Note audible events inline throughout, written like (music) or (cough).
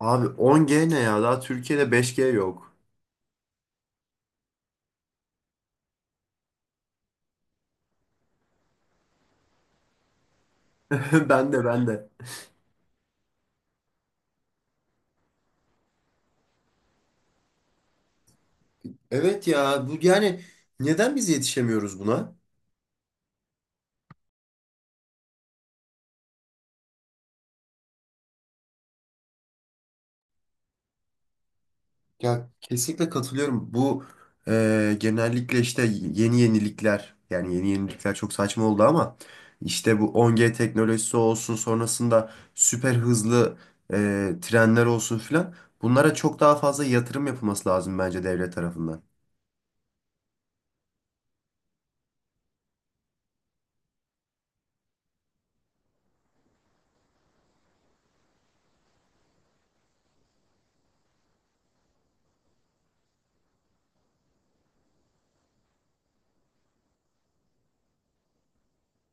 Abi 10G ne ya? Daha Türkiye'de 5G yok. (laughs) Ben de ben de. Evet ya bu yani neden biz yetişemiyoruz buna? Ya kesinlikle katılıyorum. Bu genellikle işte yeni yenilikler çok saçma oldu ama işte bu 10G teknolojisi olsun sonrasında süper hızlı trenler olsun filan bunlara çok daha fazla yatırım yapılması lazım bence devlet tarafından.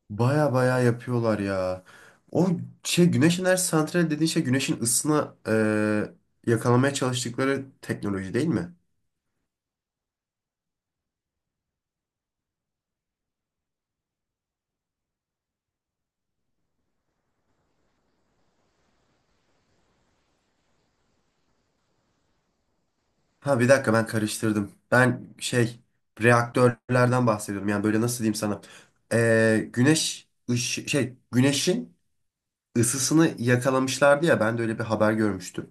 Baya baya yapıyorlar ya. O şey güneş enerji santrali dediğin şey güneşin ısısına yakalamaya çalıştıkları teknoloji değil mi? Ha bir dakika ben karıştırdım. Ben şey reaktörlerden bahsediyorum. Yani böyle nasıl diyeyim sana? Şey güneşin ısısını yakalamışlardı ya ben de öyle bir haber görmüştüm.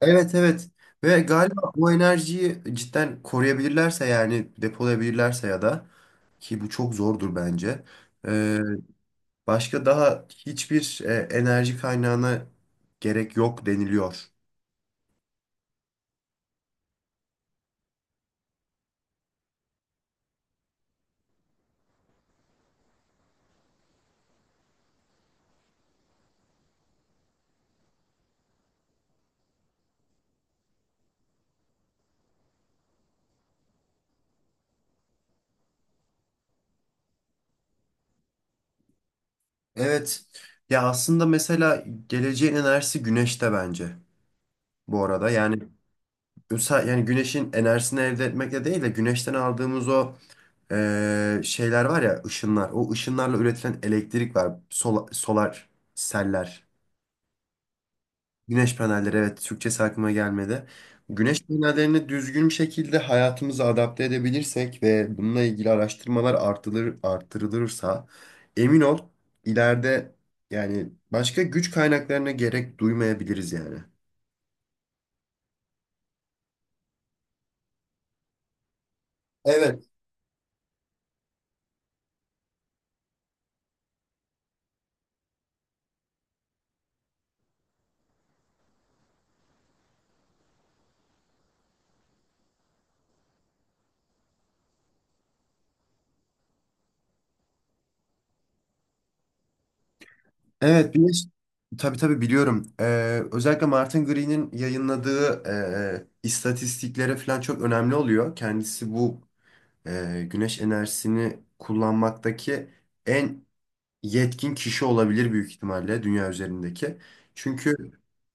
Evet evet. Ve galiba bu enerjiyi cidden koruyabilirlerse yani depolayabilirlerse ya da ki bu çok zordur bence. Başka daha hiçbir enerji kaynağına gerek yok deniliyor. Evet. Ya aslında mesela geleceğin enerjisi güneşte bence bu arada. Yani yani güneşin enerjisini elde etmekle değil de güneşten aldığımız o şeyler var ya ışınlar. O ışınlarla üretilen elektrik var. Solar seller. Güneş panelleri evet Türkçesi aklıma gelmedi. Güneş panellerini düzgün bir şekilde hayatımıza adapte edebilirsek ve bununla ilgili araştırmalar artırılır, artırılırsa emin ol ileride yani başka güç kaynaklarına gerek duymayabiliriz yani. Evet. Evet bir tabii tabii biliyorum. Özellikle Martin Green'in yayınladığı istatistiklere falan çok önemli oluyor. Kendisi bu güneş enerjisini kullanmaktaki en yetkin kişi olabilir büyük ihtimalle dünya üzerindeki. Çünkü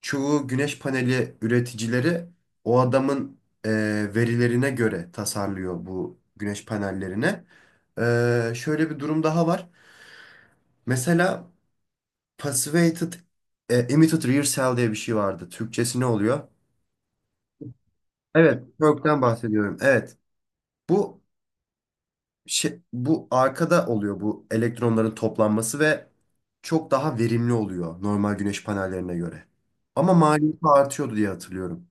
çoğu güneş paneli üreticileri o adamın verilerine göre tasarlıyor bu güneş panellerini. Şöyle bir durum daha var. Mesela Passivated Emitted Rear Cell diye bir şey vardı. Türkçesi ne oluyor? Evet. Work'ten bahsediyorum. Evet. Bu şey, bu arkada oluyor bu elektronların toplanması ve çok daha verimli oluyor normal güneş panellerine göre. Ama maliyeti artıyordu diye hatırlıyorum.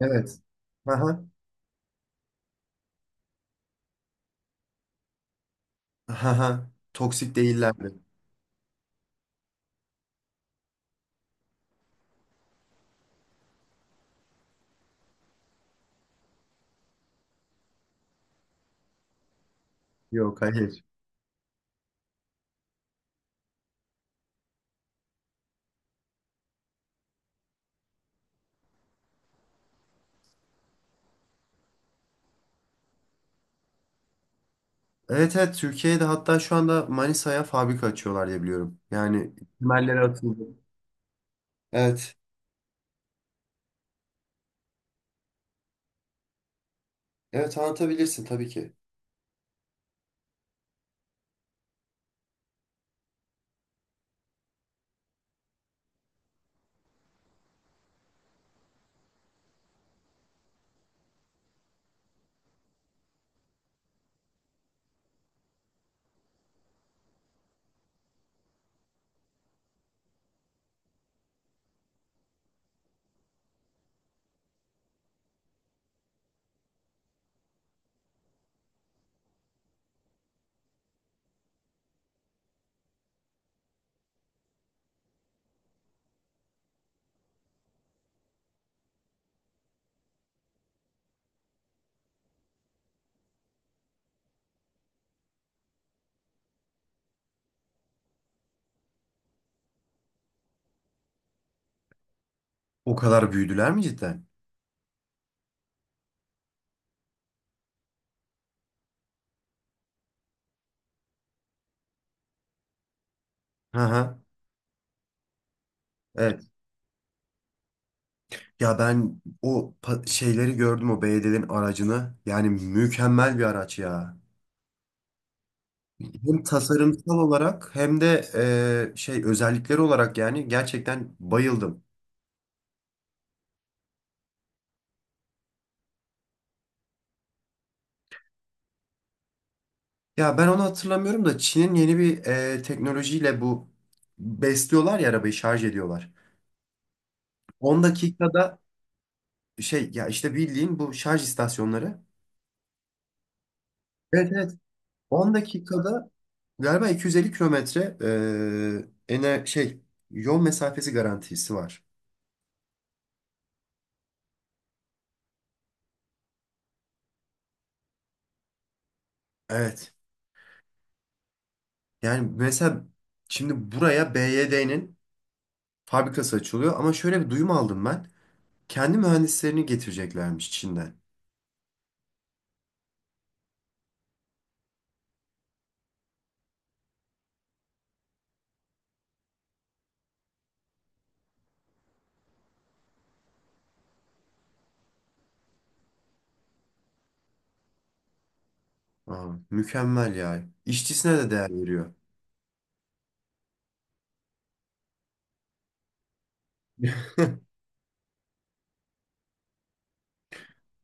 Evet. Aha. Aha. Toksik değillerdi. Yok hayır. Evet evet Türkiye'de hatta şu anda Manisa'ya fabrika açıyorlar diye biliyorum. Yani temelleri atıldı. Evet. Evet anlatabilirsin tabii ki. O kadar büyüdüler mi cidden? Aha. Evet. Ya ben o şeyleri gördüm o belediyenin aracını. Yani mükemmel bir araç ya. Hem tasarımsal olarak hem de şey özellikleri olarak yani gerçekten bayıldım. Ya ben onu hatırlamıyorum da Çin'in yeni bir teknolojiyle bu besliyorlar ya arabayı şarj ediyorlar. 10 dakikada şey ya işte bildiğin bu şarj istasyonları. Evet evet 10 dakikada galiba 250 kilometre e, ene şey yol mesafesi garantisi var. Evet. Yani mesela şimdi buraya BYD'nin fabrikası açılıyor ama şöyle bir duyum aldım ben. Kendi mühendislerini getireceklermiş Çin'den. Aa, mükemmel ya. İşçisine de değer veriyor. (laughs)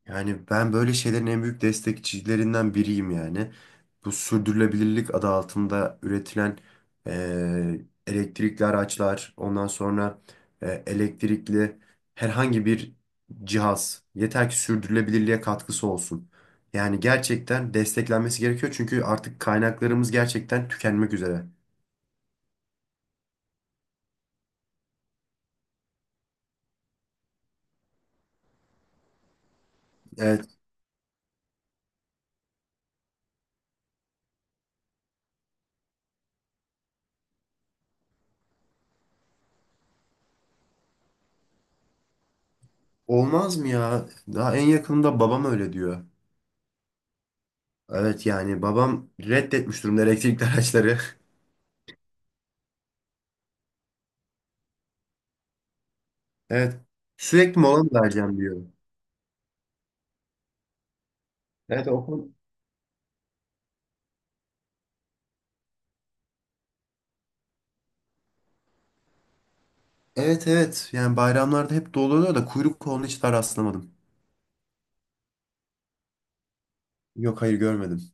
Yani ben böyle şeylerin en büyük destekçilerinden biriyim yani. Bu sürdürülebilirlik adı altında üretilen eee, elektrikli araçlar, ondan sonra elektrikli herhangi bir cihaz. Yeter ki sürdürülebilirliğe katkısı olsun. Yani gerçekten desteklenmesi gerekiyor çünkü artık kaynaklarımız gerçekten tükenmek üzere. Evet, olmaz mı ya? Daha en yakında babam öyle diyor. Evet yani babam reddetmiş durumda elektrikli araçları. (laughs) Evet. Sürekli mola mı vereceğim diyor. Evet okul. Evet evet. Yani bayramlarda hep dolu oluyor da kuyruk koluna hiç daha rastlamadım. Yok hayır görmedim.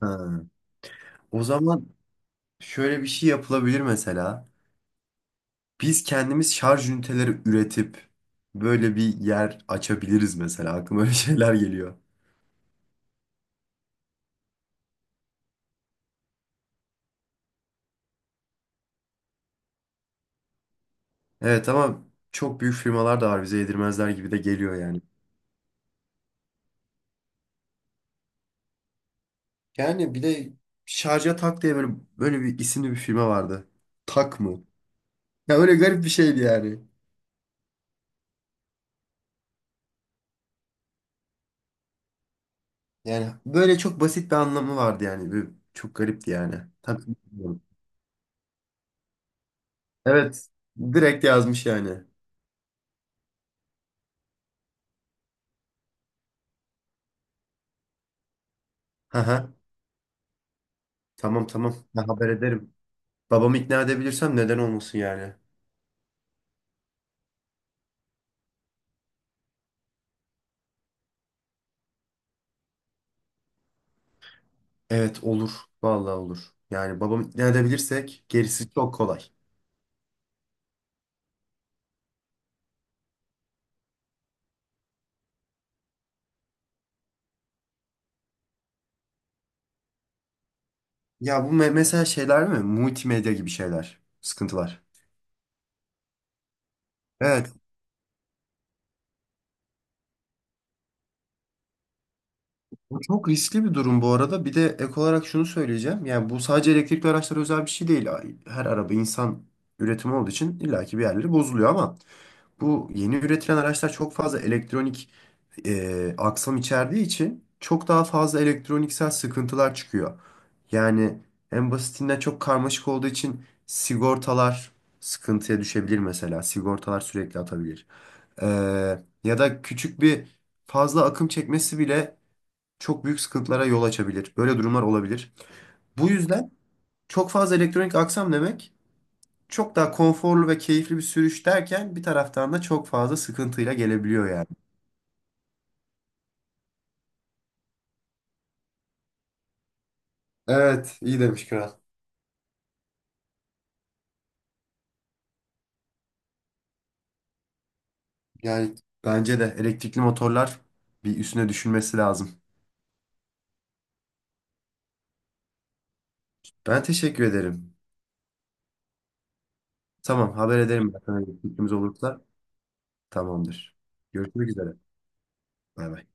Ha. O zaman şöyle bir şey yapılabilir mesela. Biz kendimiz şarj üniteleri üretip böyle bir yer açabiliriz mesela. Aklıma öyle (laughs) şeyler geliyor. Evet ama çok büyük firmalar da var bize yedirmezler gibi de geliyor yani. Yani bir de şarja tak diye böyle bir isimli bir firma vardı. Tak mı? Ya öyle garip bir şeydi yani. Yani böyle çok basit bir anlamı vardı yani. Çok garipti yani. Tam bilmiyorum. Evet. Direkt yazmış yani. Haha. Tamam tamam. Ben haber ederim. Babamı ikna edebilirsem neden olmasın yani. Evet olur. Vallahi olur. Yani babamı ikna edebilirsek gerisi çok kolay. Ya bu mesela şeyler mi? Multimedya gibi şeyler. Sıkıntılar. Evet. Bu çok riskli bir durum bu arada. Bir de ek olarak şunu söyleyeceğim. Yani bu sadece elektrikli araçlara özel bir şey değil. Her araba insan üretimi olduğu için illaki bir yerleri bozuluyor ama bu yeni üretilen araçlar çok fazla elektronik aksam içerdiği için çok daha fazla elektroniksel sıkıntılar çıkıyor. Yani en basitinden çok karmaşık olduğu için sigortalar sıkıntıya düşebilir mesela. Sigortalar sürekli atabilir. Ee, ya da küçük bir fazla akım çekmesi bile çok büyük sıkıntılara yol açabilir. Böyle durumlar olabilir. Bu yüzden çok fazla elektronik aksam demek çok daha konforlu ve keyifli bir sürüş derken bir taraftan da çok fazla sıkıntıyla gelebiliyor yani. Evet, iyi demiş Kral. Yani bence de elektrikli motorlar bir üstüne düşünmesi lazım. Ben teşekkür ederim. Tamam, haber ederim ben sana elektriklimiz olursa. Tamamdır. Görüşmek üzere. Bay bay.